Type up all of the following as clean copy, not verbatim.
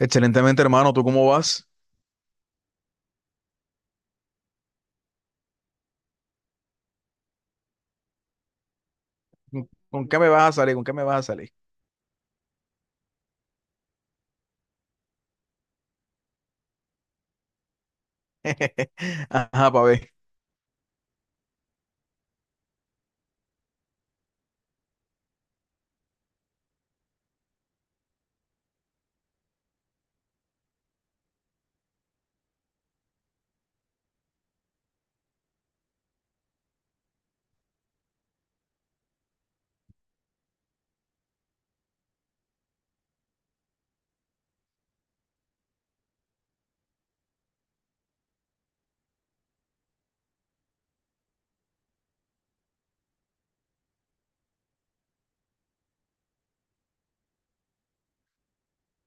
Excelentemente, hermano. ¿Tú cómo vas? ¿Con qué me vas a salir? ¿Con qué me vas a salir? Ajá, pa' ver.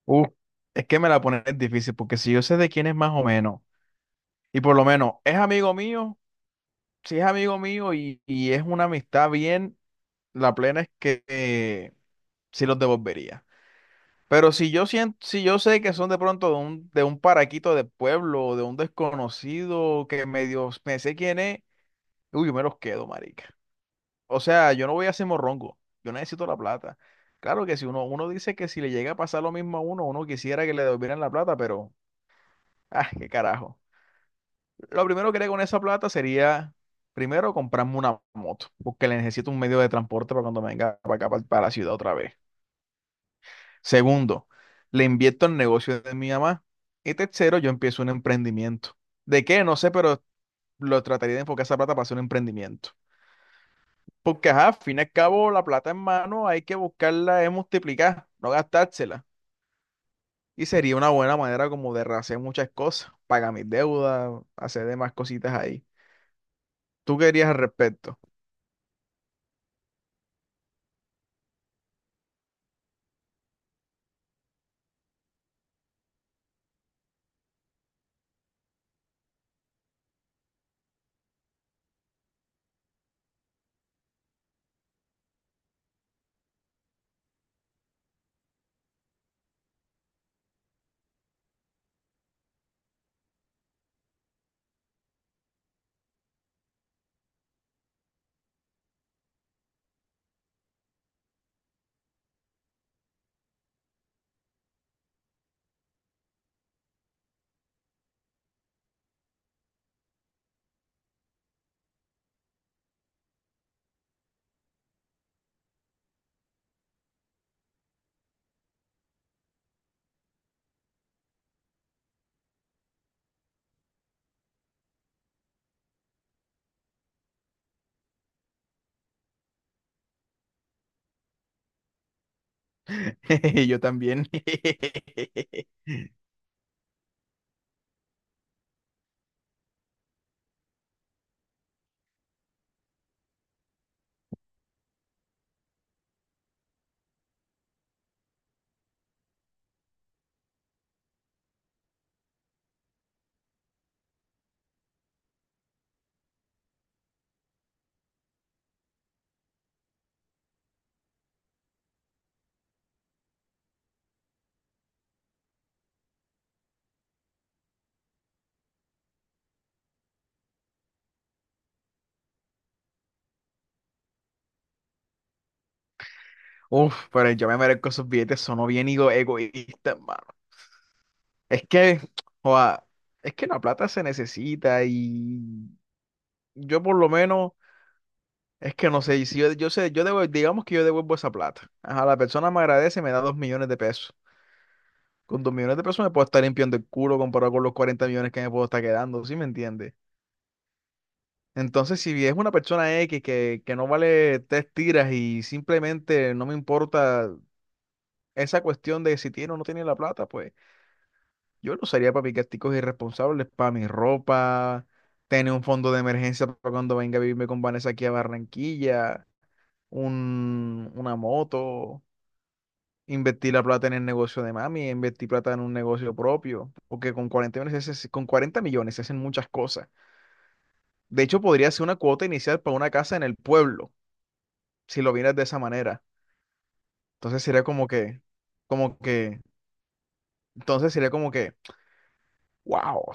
Uh, es que me la pones difícil, porque si yo sé de quién es más o menos, y por lo menos es amigo mío, si es amigo mío y es una amistad bien, la plena es que sí los devolvería. Pero si yo siento, si yo sé que son de pronto de un paraquito de pueblo, de un desconocido que medio me sé quién es, uy, yo me los quedo, marica. O sea, yo no voy a ser morrongo, yo necesito la plata. Claro que si uno dice que si le llega a pasar lo mismo a uno, uno quisiera que le devolvieran la plata, pero, ah, qué carajo. Lo primero que haría con esa plata sería, primero, comprarme una moto, porque le necesito un medio de transporte para cuando venga para acá, para la ciudad otra vez. Segundo, le invierto en el negocio de mi mamá. Y tercero, yo empiezo un emprendimiento. ¿De qué? No sé, pero lo trataría de enfocar esa plata para hacer un emprendimiento. Porque, ajá, al fin y al cabo, la plata en mano hay que buscarla, es multiplicar, no gastársela. Y sería una buena manera como de rehacer muchas cosas, pagar mis deudas, hacer demás cositas ahí. ¿Tú querías al respecto? Yo también. Uf, pero yo me merezco esos billetes, sonó bien egoísta, hermano. Es que, joa, es que la plata se necesita y yo por lo menos. Es que no sé, y si yo sé, digamos que yo devuelvo esa plata. Ajá, la persona me agradece y me da 2 millones de pesos. Con 2 millones de pesos me puedo estar limpiando el culo comparado con los 40 millones que me puedo estar quedando, ¿sí me entiendes? Entonces, si es una persona X que no vale tres tiras y simplemente no me importa esa cuestión de si tiene o no tiene la plata, pues yo lo usaría para picasticos irresponsables, para mi ropa, tener un fondo de emergencia para cuando venga a vivirme con Vanessa aquí a Barranquilla, un, una moto. Invertí la plata en el negocio de mami, invertí plata en un negocio propio, porque con 40 millones, con 40 millones se hacen muchas cosas. De hecho, podría ser una cuota inicial para una casa en el pueblo, si lo vieras de esa manera. Entonces sería como que, entonces sería como que, wow.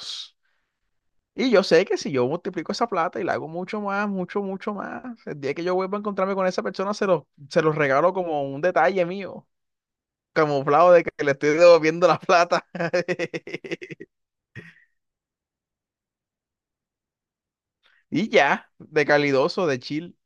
Y yo sé que si yo multiplico esa plata y la hago mucho más, mucho, mucho más, el día que yo vuelva a encontrarme con esa persona, se los regalo como un detalle mío, camuflado de que le estoy devolviendo la plata. Y ya, de calidoso, de chill.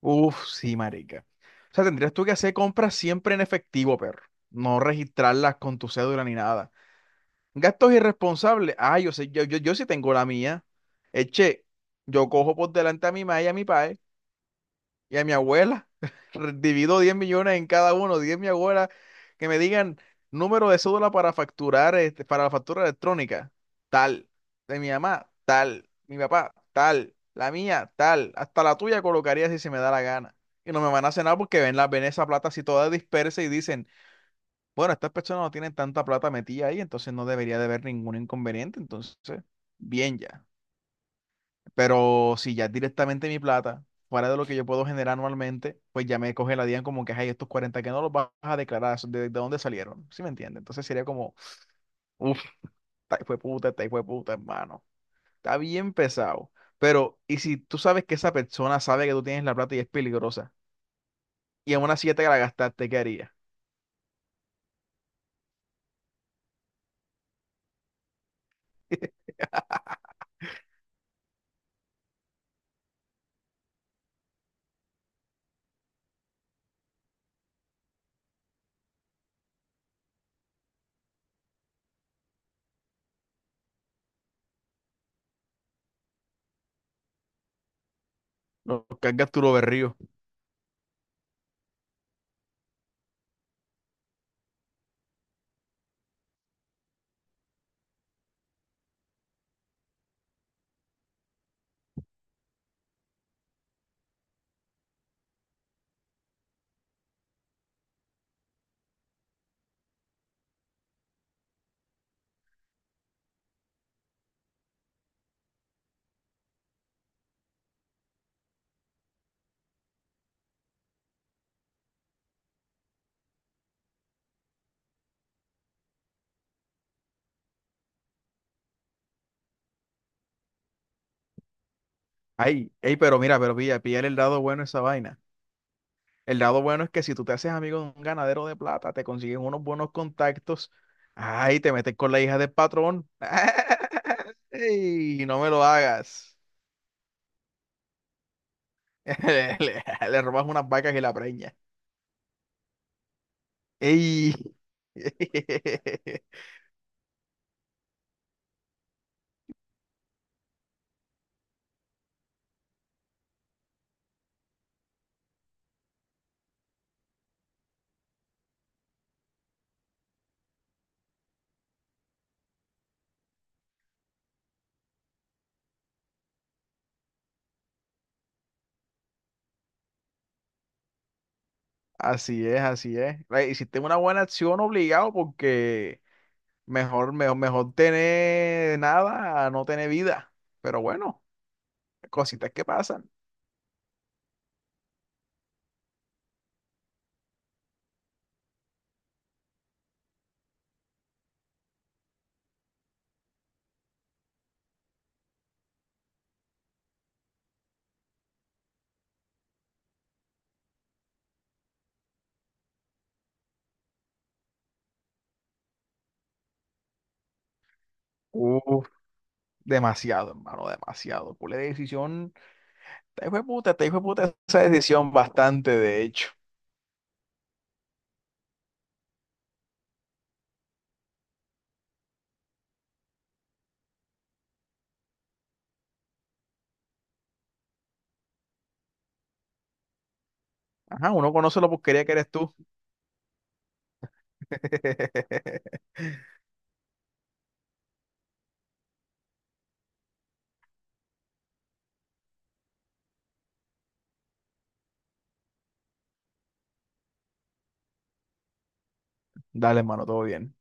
Uf, sí, marica. O sea, tendrías tú que hacer compras siempre en efectivo, perro. No registrarlas con tu cédula ni nada. Gastos irresponsables. Ah, yo sé, yo sí tengo la mía. Eche, yo cojo por delante a mi ma y a mi pa, y a mi abuela. Divido 10 millones en cada uno, 10 mi abuela, que me digan número de cédula para facturar, este, para la factura electrónica, tal, de mi mamá, tal, mi papá, tal, la mía, tal, hasta la tuya colocaría si se me da la gana. Y no me van a cenar porque ven, la, ven esa plata así toda dispersa y dicen, bueno, estas personas no tienen tanta plata metida ahí, entonces no debería de haber ningún inconveniente, entonces, bien ya. Pero si ya es directamente mi plata, fuera de lo que yo puedo generar anualmente, pues ya me coge la DIAN como que, ay, estos 40 que no los vas a declarar, ¿de dónde salieron? ¿Sí me entiende? Entonces sería como, uff, esta hijo de puta, esta hijo de puta, hermano. Está bien pesado. Pero, ¿y si tú sabes que esa persona sabe que tú tienes la plata y es peligrosa? Y aún así ya te la gastaste, ¿qué harías? Lo cargas tú lo berrío. Ay, ey, pero mira, pero pilla, pillar el lado bueno a esa vaina. El lado bueno es que si tú te haces amigo de un ganadero de plata, te consigues unos buenos contactos. Ay, te metes con la hija del patrón. Ey, no me lo hagas. Le, le- le robas unas vacas y la preña. Ey. Así es, así es. Ey, hiciste una buena acción obligado porque mejor, mejor, mejor tener nada a no tener vida. Pero bueno, cositas que pasan. Uf, demasiado, hermano, demasiado. Pura decisión. Te hijo de puta, te hijo de puta esa decisión bastante, de hecho. Ajá, uno conoce la porquería que eres tú. Dale, hermano, todo bien.